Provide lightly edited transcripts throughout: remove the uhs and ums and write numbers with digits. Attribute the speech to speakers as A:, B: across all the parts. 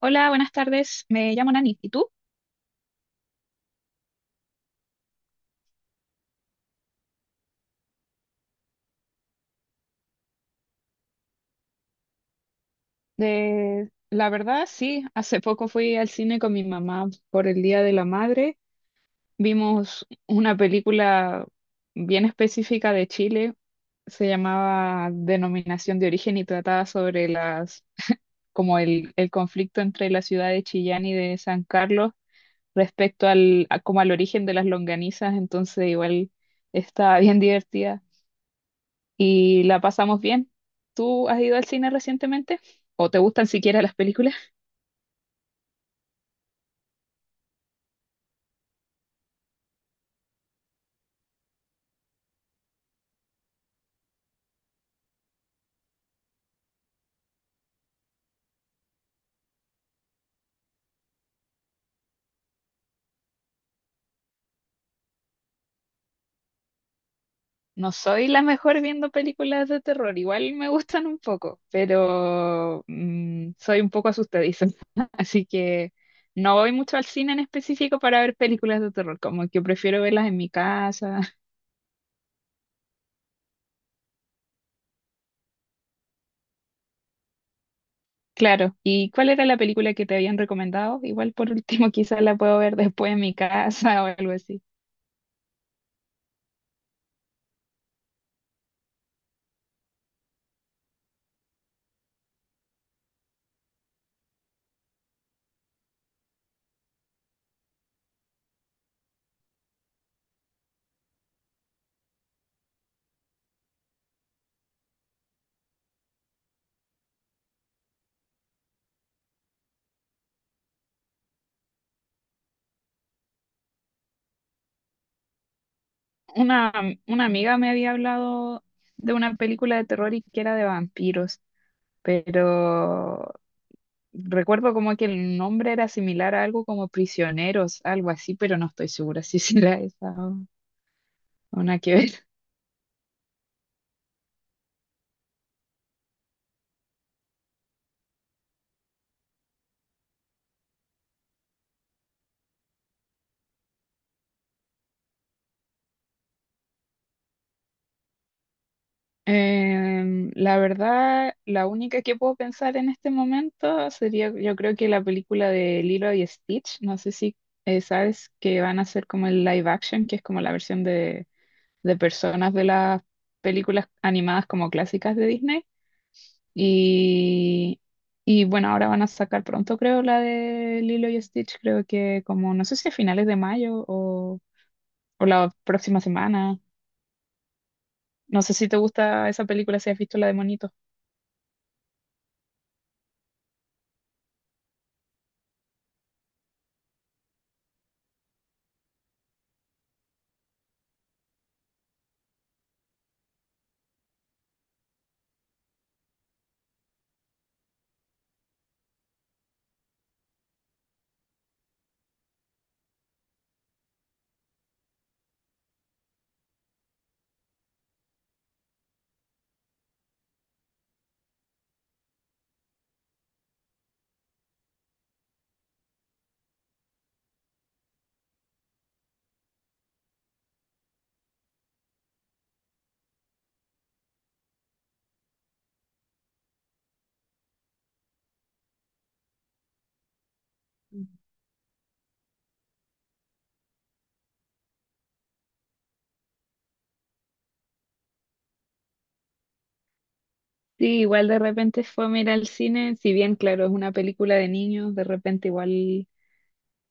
A: Hola, buenas tardes. Me llamo Nani. ¿Y tú? De, la verdad, sí. Hace poco fui al cine con mi mamá por el Día de la Madre. Vimos una película bien específica de Chile. Se llamaba Denominación de Origen y trataba sobre las, como el conflicto entre la ciudad de Chillán y de San Carlos respecto al, como al origen de las longanizas. Entonces, igual estaba bien divertida. Y la pasamos bien. ¿Tú has ido al cine recientemente? ¿O te gustan siquiera las películas? No soy la mejor viendo películas de terror, igual me gustan un poco, pero soy un poco asustadiza, así que no voy mucho al cine en específico para ver películas de terror, como que prefiero verlas en mi casa. Claro, ¿y cuál era la película que te habían recomendado? Igual por último quizás la puedo ver después en mi casa o algo así. Una, una amiga me había hablado de una película de terror y que era de vampiros, pero recuerdo como que el nombre era similar a algo como Prisioneros, algo así, pero no estoy segura si será esa o nada que ver. La verdad, la única que puedo pensar en este momento sería, yo creo que la película de Lilo y Stitch, no sé si sabes que van a hacer como el live action, que es como la versión de personas de las películas animadas como clásicas de Disney. Y, y bueno, ahora van a sacar pronto, creo, la de Lilo y Stitch, creo que como, no sé si a finales de mayo o la próxima semana. No sé si te gusta esa película, si has visto la de Monito. Sí, igual de repente fue a mirar al cine, si bien claro, es una película de niños, de repente igual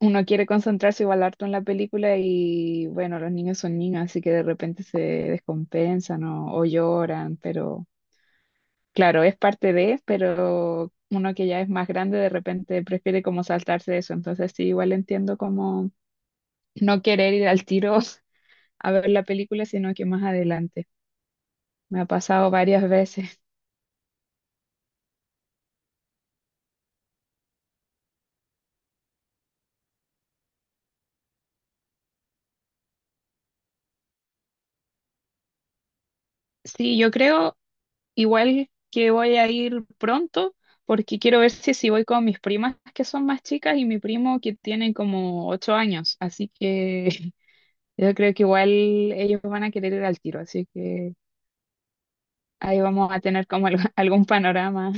A: uno quiere concentrarse igual harto en la película y bueno, los niños son niños, así que de repente se descompensan o lloran, pero claro, es parte de, pero uno que ya es más grande de repente prefiere como saltarse eso, entonces sí, igual entiendo como no querer ir al tiro a ver la película, sino que más adelante. Me ha pasado varias veces. Sí, yo creo. Igual que voy a ir pronto, porque quiero ver si, si voy con mis primas que son más chicas y mi primo que tiene como 8 años. Así que yo creo que igual ellos van a querer ir al tiro. Así que ahí vamos a tener como algún panorama.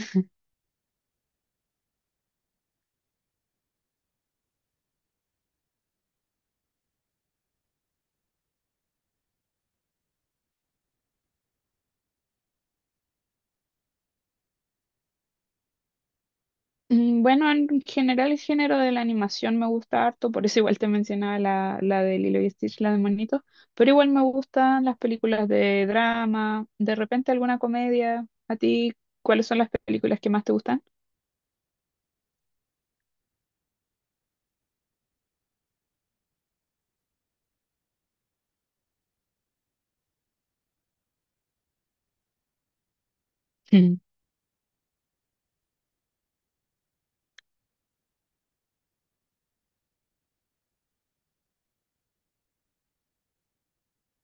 A: Bueno, en general el género de la animación me gusta harto, por eso igual te mencionaba la de Lilo y Stitch, la de Monito, pero igual me gustan las películas de drama, de repente alguna comedia. ¿A ti cuáles son las películas que más te gustan?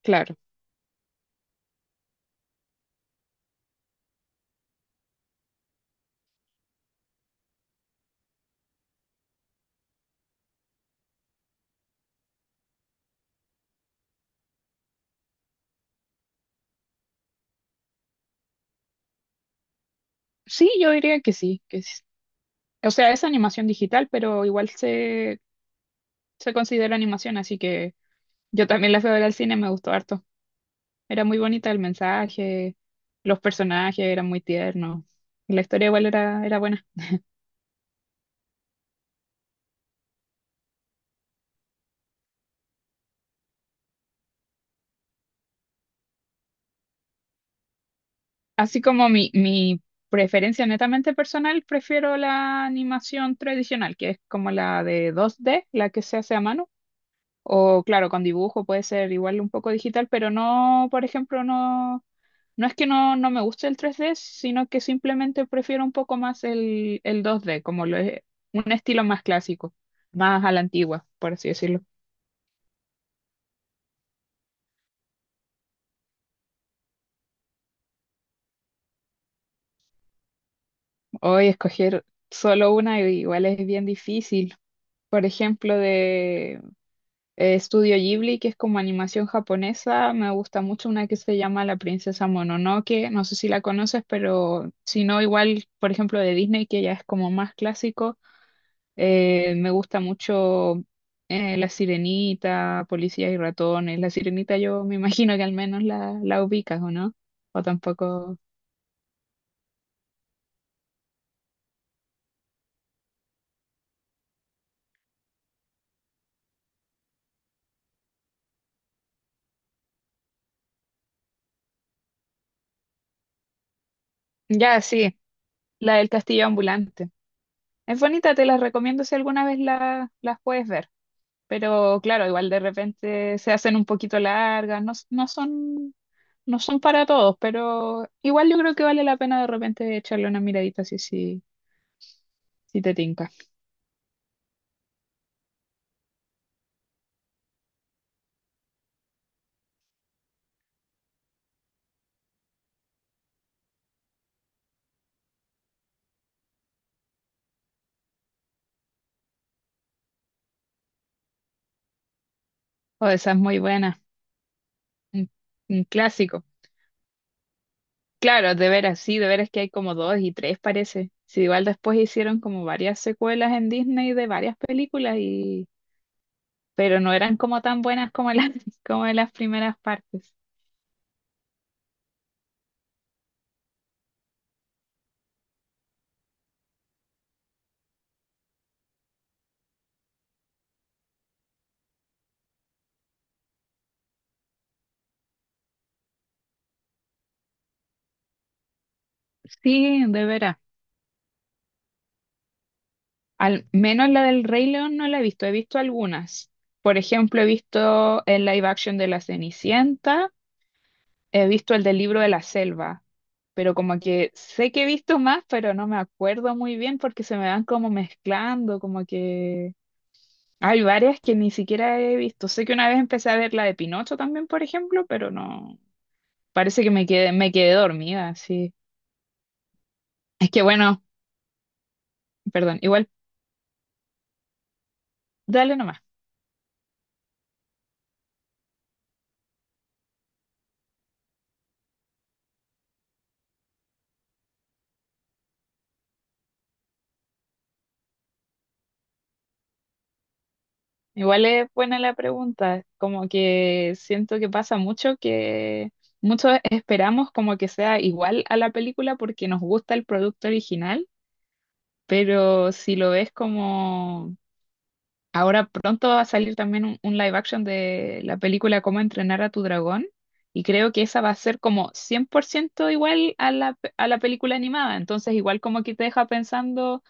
A: Claro. Sí, yo diría que sí, que sí. O sea, es animación digital, pero igual se, se considera animación, así que yo también la fui a ver al cine, me gustó harto. Era muy bonita el mensaje, los personajes eran muy tiernos, y la historia igual era, era buena. Así como mi preferencia netamente personal, prefiero la animación tradicional, que es como la de 2D, la que se hace a mano. O claro, con dibujo puede ser igual un poco digital, pero no, por ejemplo, no. No es que no, no me guste el 3D, sino que simplemente prefiero un poco más el 2D, como lo es, un estilo más clásico, más a la antigua, por así decirlo. Hoy escoger solo una igual es bien difícil. Por ejemplo, de Studio Ghibli, que es como animación japonesa, me gusta mucho una que se llama La Princesa Mononoke, no sé si la conoces, pero si no, igual, por ejemplo, de Disney, que ya es como más clásico. Me gusta mucho La Sirenita, Policías y Ratones. La Sirenita yo me imagino que al menos la ubicas, ¿o no? O tampoco... Ya, sí, la del Castillo Ambulante. Es bonita, te la recomiendo si alguna vez la, las puedes ver. Pero claro, igual de repente se hacen un poquito largas, no, no son, no son para todos, pero igual yo creo que vale la pena de repente echarle una miradita si, si, si te tinca. O esa es muy buena, un un clásico. Claro, de veras, sí, de veras que hay como dos y tres parece. Sí, igual después hicieron como varias secuelas en Disney de varias películas y pero no eran como tan buenas como las como de las primeras partes. Sí, de veras. Al menos la del Rey León no la he visto algunas. Por ejemplo, he visto el live action de La Cenicienta, he visto el del Libro de la Selva, pero como que sé que he visto más, pero no me acuerdo muy bien porque se me van como mezclando, como que hay varias que ni siquiera he visto. Sé que una vez empecé a ver la de Pinocho también, por ejemplo, pero no. Parece que me quedé dormida, sí. Es que bueno, perdón, igual, dale nomás. Igual es buena la pregunta. Como que siento que pasa mucho que muchos esperamos como que sea igual a la película porque nos gusta el producto original, pero si lo ves como ahora pronto va a salir también un live action de la película Cómo entrenar a tu dragón y creo que esa va a ser como 100% igual a la, a la película animada, entonces igual como que te deja pensando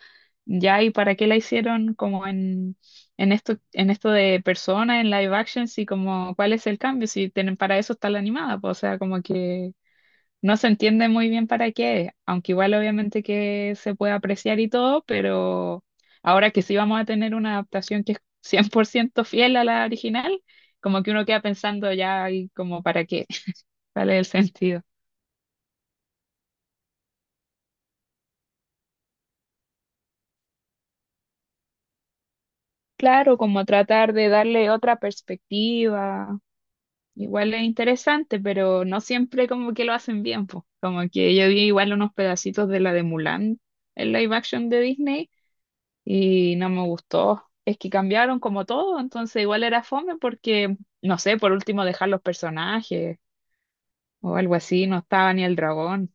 A: ya y para qué la hicieron como en esto de persona, en live action, y como cuál es el cambio, si tienen, para eso está la animada, pues, o sea, como que no se entiende muy bien para qué es, aunque igual obviamente que se puede apreciar y todo, pero ahora que sí vamos a tener una adaptación que es 100% fiel a la original, como que uno queda pensando ya y como para qué, cuál es el sentido. Claro, como tratar de darle otra perspectiva, igual es interesante, pero no siempre como que lo hacen bien, pues. Como que yo vi igual unos pedacitos de la de Mulan, el live action de Disney y no me gustó. Es que cambiaron como todo, entonces igual era fome porque, no sé, por último dejar los personajes o algo así, no estaba ni el dragón.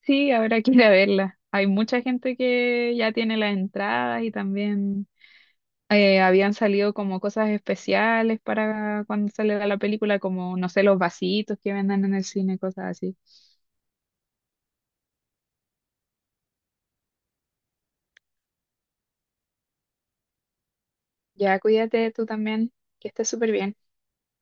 A: Sí, habrá que ir a verla. Hay mucha gente que ya tiene las entradas y también habían salido como cosas especiales para cuando sale la película, como, no sé, los vasitos que venden en el cine, cosas así. Ya cuídate tú también, que estés súper bien.